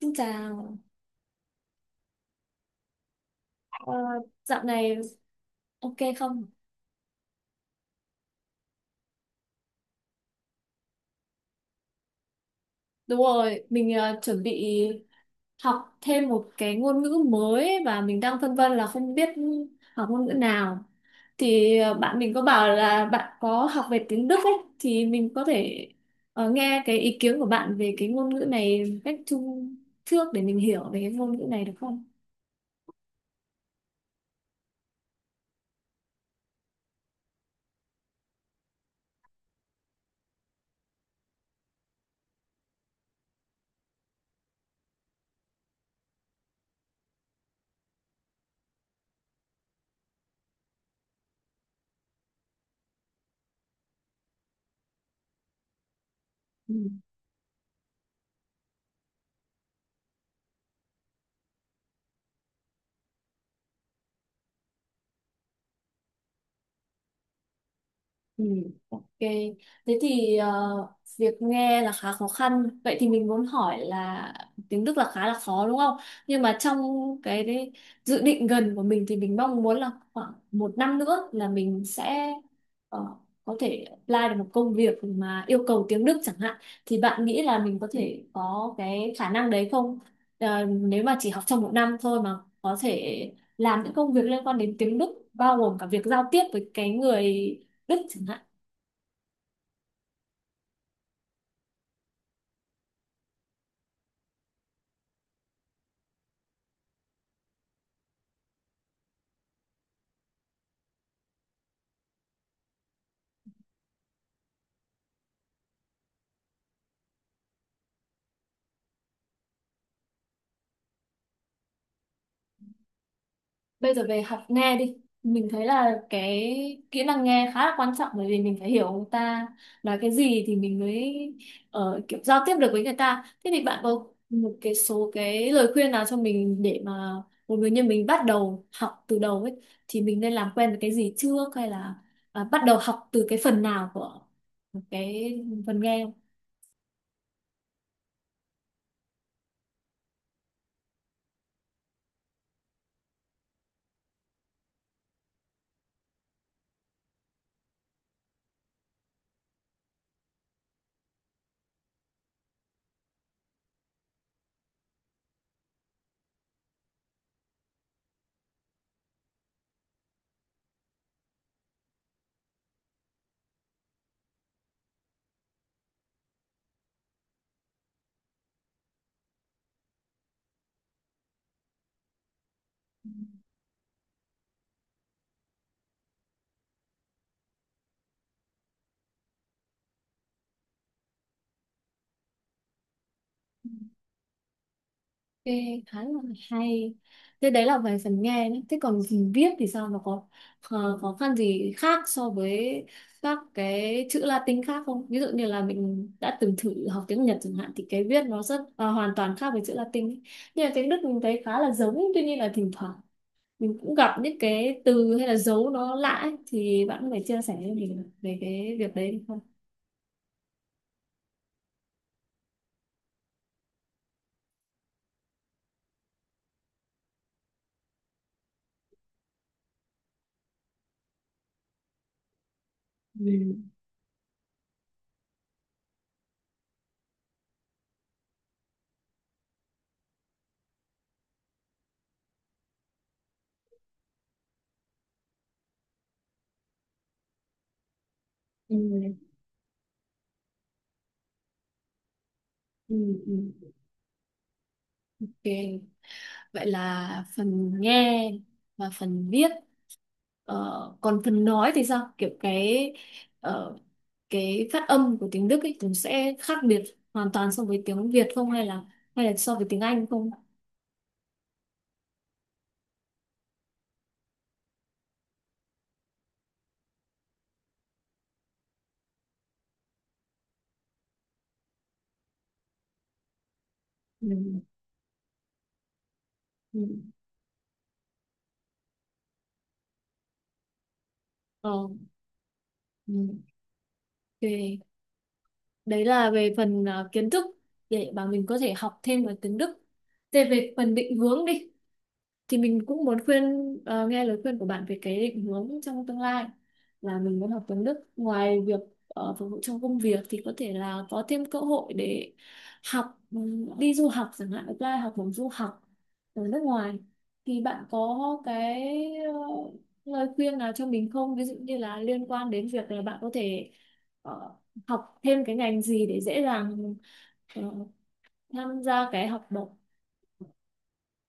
Xin chào. Ờ, Dạo này ok không? Đúng rồi, mình chuẩn bị học thêm một cái ngôn ngữ mới và mình đang phân vân là không biết học ngôn ngữ nào. Thì bạn mình có bảo là bạn có học về tiếng Đức ấy, thì mình có thể nghe cái ý kiến của bạn về cái ngôn ngữ này một cách chung trước để mình hiểu về cái ngôn ngữ này được không? Ừ, ok. Thế thì việc nghe là khá khó khăn. Vậy thì mình muốn hỏi là tiếng Đức là khá là khó đúng không? Nhưng mà trong cái đấy, dự định gần của mình thì mình mong muốn là khoảng một năm nữa là mình sẽ ờ, có thể apply được một công việc mà yêu cầu tiếng Đức chẳng hạn. Thì bạn nghĩ là mình có thể có cái khả năng đấy không? Nếu mà chỉ học trong một năm thôi mà có thể làm những công việc liên quan đến tiếng Đức, bao gồm cả việc giao tiếp với cái người Đức chẳng hạn. Bây giờ về học nghe đi, mình thấy là cái kỹ năng nghe khá là quan trọng, bởi vì mình phải hiểu người ta nói cái gì thì mình mới kiểu giao tiếp được với người ta. Thế thì bạn có một cái số cái lời khuyên nào cho mình, để mà một người như mình bắt đầu học từ đầu ấy, thì mình nên làm quen với cái gì trước, hay là bắt đầu học từ cái phần nào của cái phần nghe? Nghe khá là hay. Thế đấy là về phần nghe nhé, thế còn phần viết thì sao, nó có khó, khó khăn gì khác so với các cái chữ Latin khác không? Ví dụ như là mình đã từng thử học tiếng Nhật chẳng hạn thì cái viết nó rất hoàn toàn khác với chữ Latin ấy. Nhưng mà tiếng Đức mình thấy khá là giống, tuy nhiên là thỉnh thoảng mình cũng gặp những cái từ hay là dấu nó lạ ấy. Thì bạn có thể chia sẻ với mình về cái việc đấy được không? Ừ. Ừ, ừ, ừ. Ok. Vậy là phần nghe và phần viết. Còn phần nói thì sao? Kiểu ờ, cái phát âm của tiếng Đức ấy cũng sẽ khác biệt hoàn toàn so với tiếng Việt không, hay là so với tiếng Anh không? Ừ. Ừ. Ờ, ừ. Ok. Đấy là về phần kiến thức để mà mình có thể học thêm ở tiếng Đức. Thế về phần định hướng đi thì mình cũng muốn khuyên, nghe lời khuyên của bạn về cái định hướng trong tương lai, là mình muốn học tiếng Đức, ngoài việc phục vụ trong công việc thì có thể là có thêm cơ hội để học, đi du học chẳng hạn, apply học bổng du học ở nước ngoài. Thì bạn có cái ờ, lời khuyên nào cho mình không, ví dụ như là liên quan đến việc là bạn có thể ờ, học thêm cái ngành gì để dễ dàng ờ, tham gia cái học bổng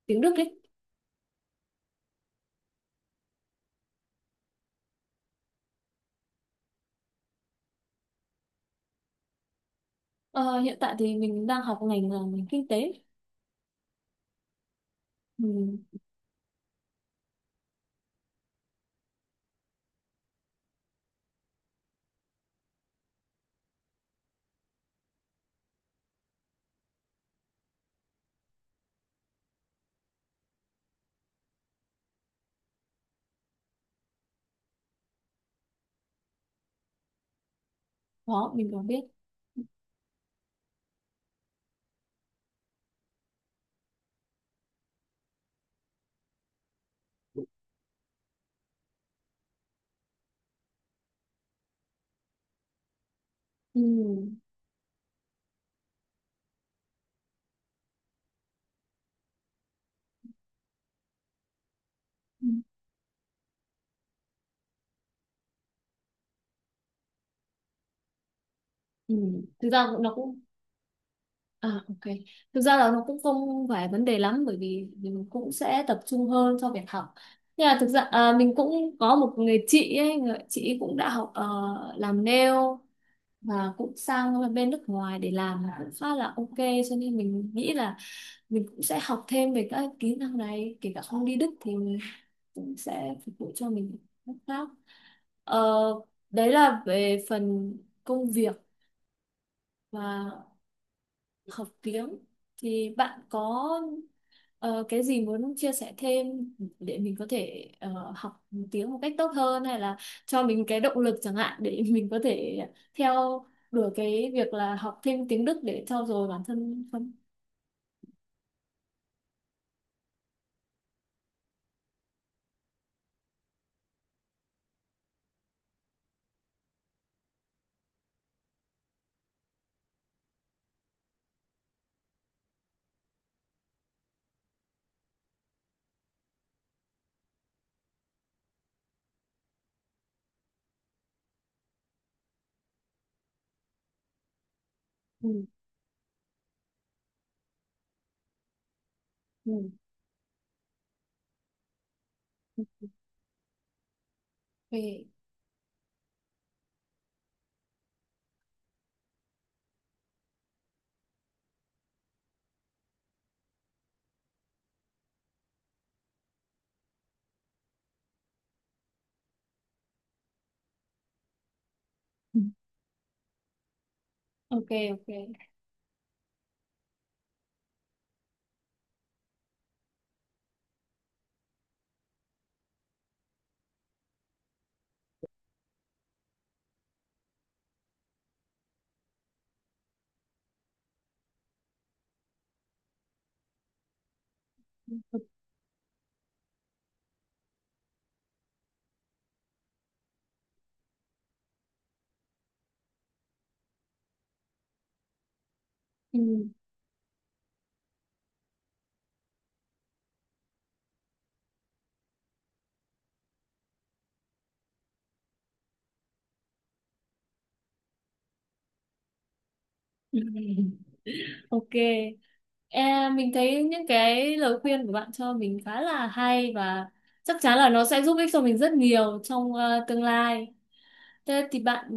tiếng Đức ấy? Ờ, Hiện tại thì mình đang học ngành là ngành kinh tế. Ừ. Đó mình có biết. Ừ. Ừ. Ừ. thực ra cũng- nó cũng À, ok. Thực ra là nó cũng không phải vấn đề lắm, bởi vì mình cũng sẽ tập trung hơn cho việc học, nhưng mà thực ra mình cũng có một người chị ấy, người chị ấy cũng đã học làm nail và cũng sang bên nước ngoài để làm cũng khá là ok, cho nên mình nghĩ là mình cũng sẽ học thêm về các kỹ năng này, kể cả không đi Đức thì cũng sẽ phục vụ cho mình lúc khác. ờ, Đấy là về phần công việc và học tiếng, thì bạn có cái gì muốn chia sẻ thêm để mình có thể học tiếng một cách tốt hơn, hay là cho mình cái động lực chẳng hạn để mình có thể theo đuổi cái việc là học thêm tiếng Đức để trau dồi bản thân không? Ừ. Ừ. Ok. Ừ. Ok, ok. Ừ. Ok. E, mình thấy những cái lời khuyên của bạn cho mình khá là hay và chắc chắn là nó sẽ giúp ích cho mình rất nhiều trong tương lai. Thế thì bạn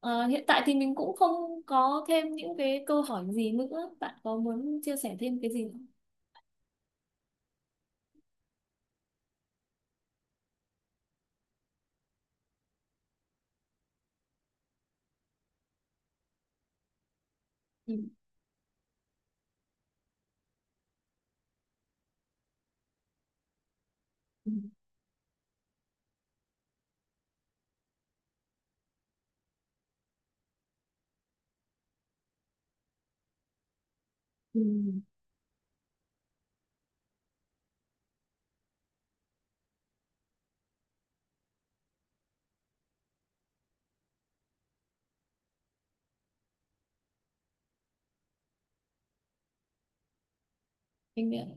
ờ, hiện tại thì mình cũng không có thêm những cái câu hỏi gì nữa. Bạn có muốn chia sẻ thêm cái gì không? Ừ. Ừ. Ừ. Mình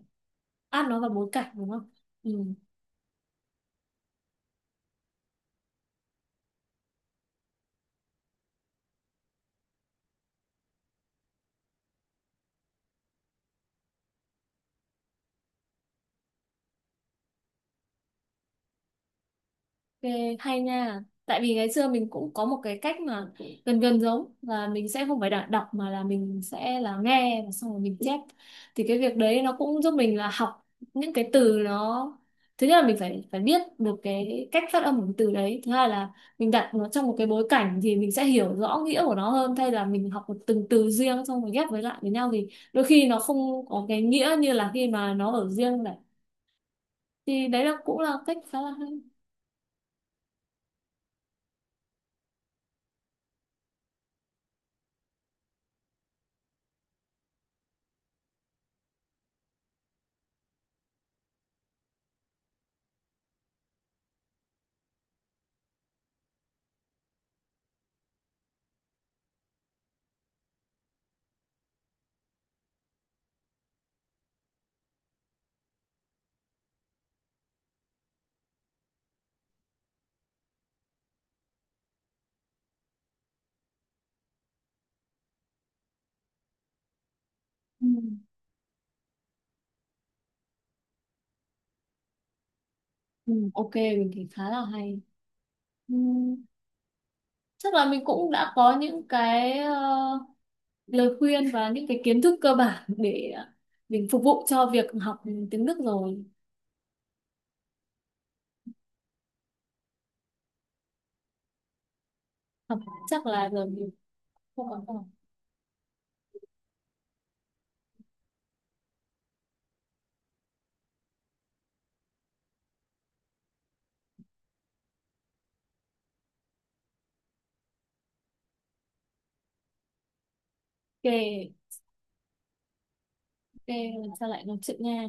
áp nó vào bối cảnh đúng không? Ừ. Ghê, hay nha. Tại vì ngày xưa mình cũng có một cái cách mà gần gần giống, là mình sẽ không phải đọc, đọc mà là mình sẽ là nghe và xong rồi mình chép. Thì cái việc đấy nó cũng giúp mình là học những cái từ nó, thứ nhất là mình phải phải biết được cái cách phát âm của cái từ đấy. Thứ hai là mình đặt nó trong một cái bối cảnh thì mình sẽ hiểu rõ nghĩa của nó hơn, thay là mình học một từng từ riêng xong rồi ghép với lại với nhau thì đôi khi nó không có cái nghĩa như là khi mà nó ở riêng này. Thì đấy là cũng là cách khá là hay. Ừ. Ừ, ok mình thấy khá là hay. Ừ, chắc là mình cũng đã có những cái lời khuyên và những cái kiến thức cơ bản để mình phục vụ cho việc học tiếng Đức rồi. học Chắc là giờ mình không còn. Ok. Ok. Lần sau lại nói chuyện nha.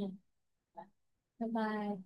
Bye bye.